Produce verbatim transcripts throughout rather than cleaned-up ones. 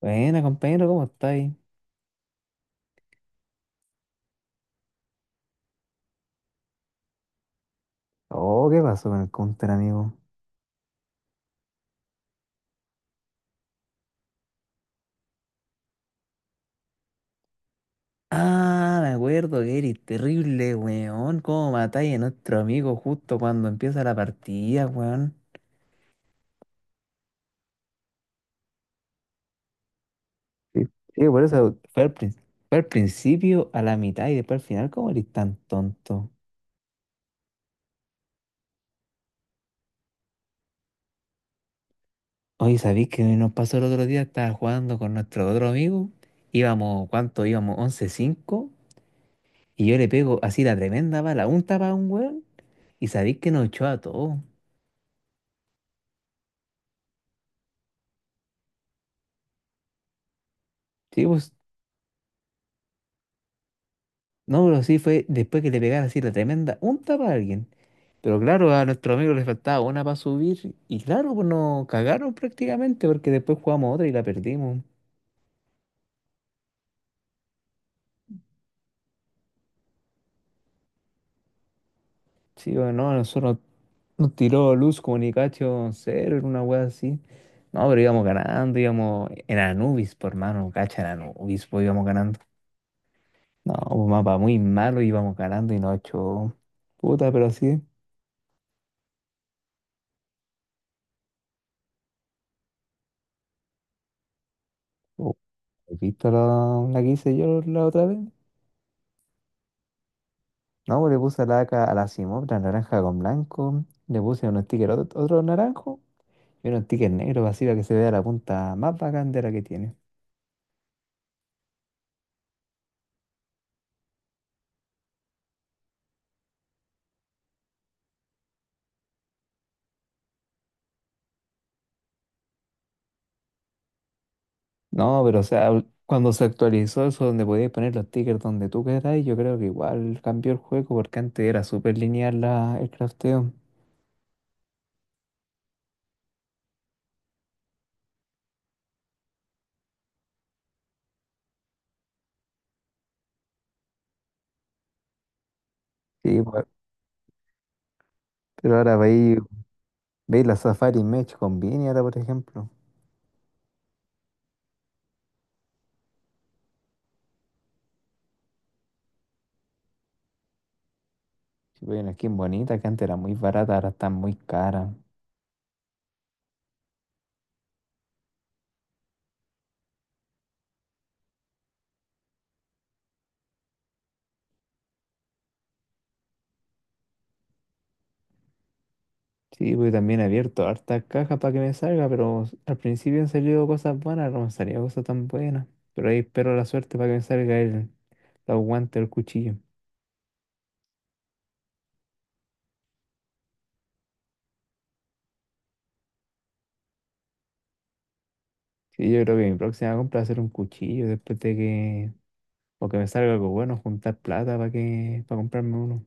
Buena, compañero, ¿cómo estáis? Oh, ¿qué pasó con el counter, amigo? Ah, me acuerdo que eres terrible, weón. ¿Cómo matáis a nuestro amigo justo cuando empieza la partida, weón? Sí, sí, por eso. Fue al, prin- fue al principio, a la mitad y después al final. ¿Cómo eres tan tonto? Oye, ¿sabéis que nos pasó el otro día? Estaba jugando con nuestro otro amigo. Íbamos, ¿cuánto? Íbamos once cinco. Y yo le pego así la tremenda bala, un tapa a un weón. Y sabéis que nos echó a todos. Sí, pues. No, pero sí fue después que le pegara así la tremenda unta para alguien. Pero claro, a nuestro amigo le faltaba una para subir. Y claro, pues nos cagaron prácticamente porque después jugamos otra y la perdimos. Sí, o no, nosotros nos tiró Luz Comunicación cero en una wea así. No, pero íbamos ganando, íbamos en Anubis, por mano, cacha, en Anubis, pues íbamos ganando. No, un mapa muy malo, íbamos ganando y nos echó, puta, pero así. Oh, ¿has visto la, la que hice yo la otra vez? No, pues le puse la laca a la Simotra naranja con blanco. Le puse unos stickers ot- otro, naranjo, y unos stickers negros así para que se vea la punta más bacán de la que tiene. No, pero o sea, ul- cuando se actualizó eso donde podías poner los stickers donde tú queráis, yo creo que igual cambió el juego porque antes era súper lineal la, el crafteo. Sí, pues, pero ahora veis, veis la Safari Match con Vini ahora, por ejemplo. Si veis una skin bonita que antes era muy barata, ahora está muy cara. Sí, porque también he abierto hartas cajas para que me salga, pero al principio han salido cosas buenas, no me salía cosas tan buenas. Pero ahí espero la suerte para que me salga el, los guantes, el cuchillo. Sí, yo creo que mi próxima compra va a ser un cuchillo después de que, o que me salga algo bueno, juntar plata para que, para comprarme uno.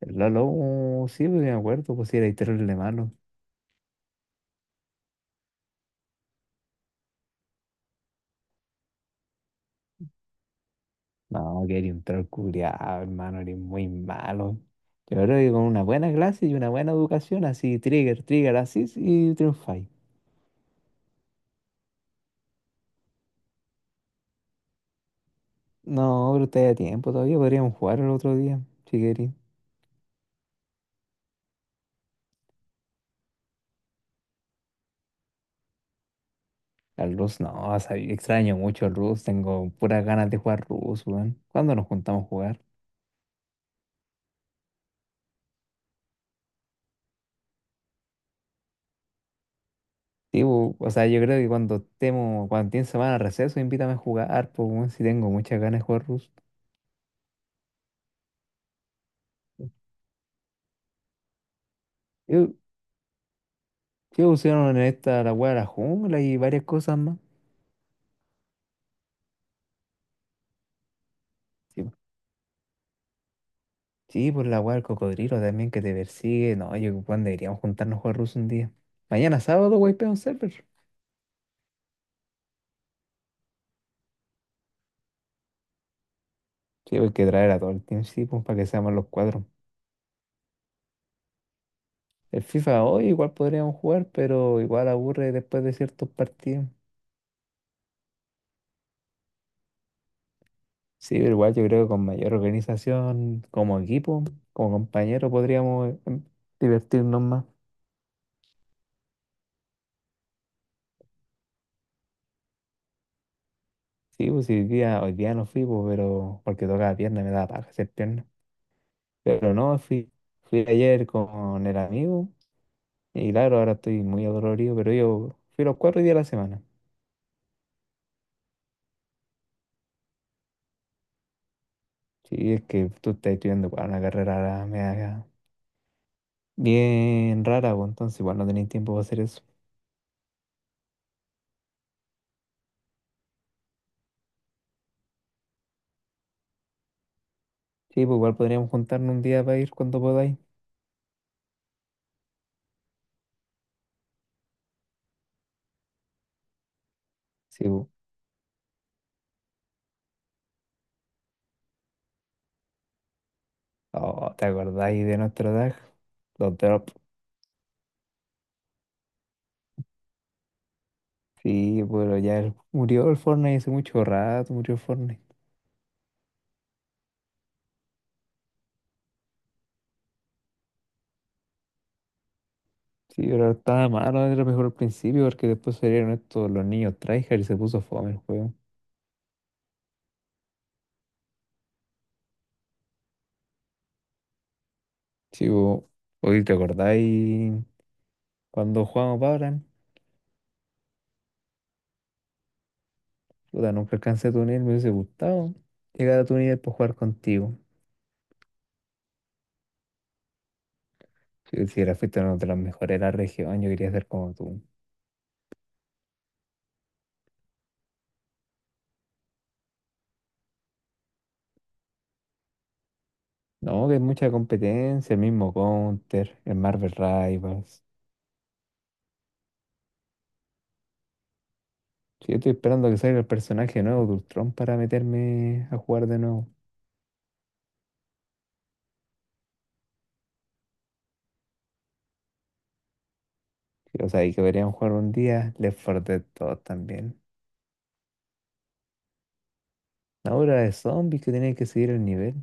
El Lalo, oh, sí, pues me acuerdo, pues sí, era terrible malo. No, que era un troll culiao, hermano, eres muy malo. Yo creo que con una buena clase y una buena educación, así, trigger, trigger, así, y triunfáis. No, pero está a tiempo todavía. Podríamos jugar el otro día, si queréis. Al Rus, no, sabí- extraño mucho el Rus. Tengo puras ganas de jugar Rus, weón. ¿Cuándo nos juntamos a jugar? Sí, bu- o sea, yo creo que cuando estemos, cuando tiene semana de receso, invítame a jugar, pues, weón, si tengo muchas ganas de jugar Rus. ¿Qué, qué pusieron en esta, la weá de la jungla y varias cosas más? Sí, po, sí, pues la weá del cocodrilo también que te persigue. No, yo, weón, deberíamos juntarnos a jugar Rus un día. Mañana sábado, wey, pega un server. Sí, pues, hay que traer a todo el team, sí, pues, para que seamos los cuatro. El FIFA hoy igual podríamos jugar, pero igual aburre después de ciertos partidos. Sí, pero igual yo creo que con mayor organización, como equipo, como compañero, podríamos em, divertirnos más. Sí, pues sí, hoy día, hoy día no fui, pues, pero porque tocaba pierna, me daba paja hacer pierna. Pero no, fui, fui ayer con el amigo y claro, ahora estoy muy adolorido, pero yo fui los cuatro días de la semana. Sí, es que tú estás estudiando para una carrera media bien rara, pues entonces igual no tenéis tiempo para hacer eso. Sí, pues igual podríamos juntarnos un día para ir cuando podáis. Sí, pues. Oh, ¿te acordáis de nuestro tag? Los drop. Sí, pero ya el- murió el Fortnite hace mucho rato, murió el Fortnite. Sí, pero estaba malo, era mejor al principio porque después salieron estos los niños tryhard y se puso fome el juego. Sí, pues, hoy te acordáis cuando jugamos Valorant. Puta, nunca alcancé a tu nivel, me hubiese gustado llegar a tu nivel para jugar contigo. Si, si era, fuiste uno de los mejores de la región, yo quería ser como tú. No, que hay mucha competencia, el mismo Counter, el Marvel Rivals. Sí, yo estoy esperando que salga el personaje nuevo de Ultron para meterme a jugar de nuevo. Sí, o sea, y que deberían jugar un día Left cuatro Dead dos también. Ahora de zombies que tenía que seguir el nivel.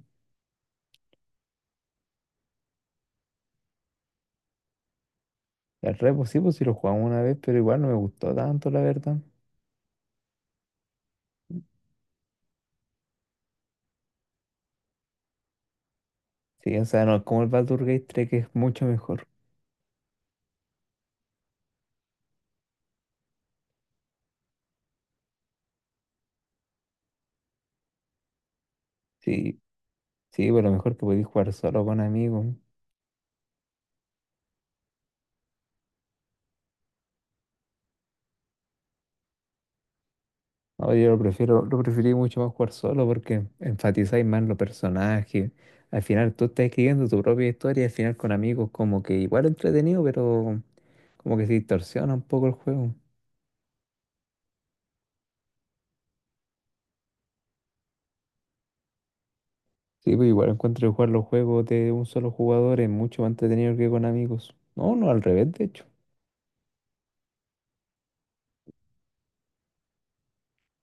El repo sí, pues sí lo jugamos una vez, pero igual no me gustó tanto, la verdad. Sí, o sea, no es como el Baldur's Gate tres que es mucho mejor. Sí, sí, pero mejor que podéis jugar solo con amigos. No, yo lo prefiero, lo preferí mucho más jugar solo porque enfatizáis más los personajes. Al final tú estás escribiendo tu propia historia, al final con amigos como que igual entretenido, pero como que se distorsiona un poco el juego. Sí, pues igual encuentro que jugar los juegos de un solo jugador es mucho más entretenido que con amigos. No, no, al revés, de hecho.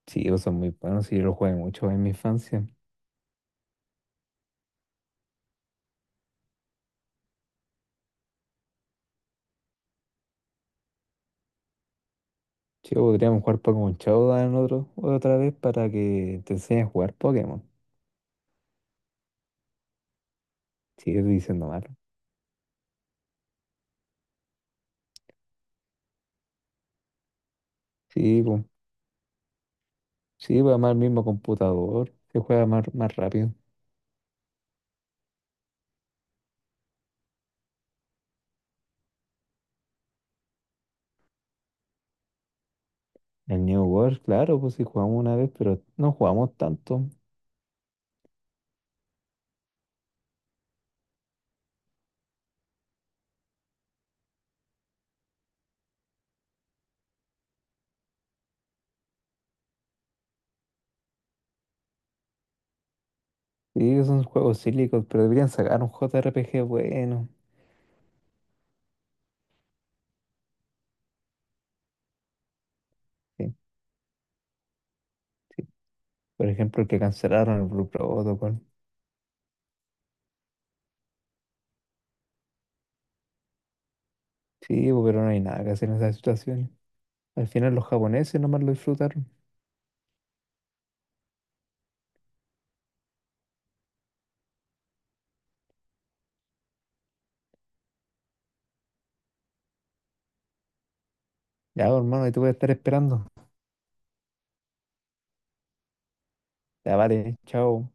Sí, ellos son muy buenos y yo los jugué mucho en mi infancia. Sí, pues, podríamos jugar Pokémon Showdown otro, otra vez para que te enseñes a jugar Pokémon. Sigue diciendo mal. Sí, pues. Sí, va más el mismo computador, se juega más, más rápido. El New World, claro, pues sí jugamos una vez, pero no jugamos tanto. Sí, son juegos cílicos, pero deberían sacar un J R P G bueno. Sí, sí. Por ejemplo, el que cancelaron el Blue Protocol. Sí, pues, pero no hay nada que hacer en esas situaciones. Al final los japoneses nomás lo disfrutaron. Ya, pues, hermano, ahí te voy a estar esperando. Ya, vale, chao.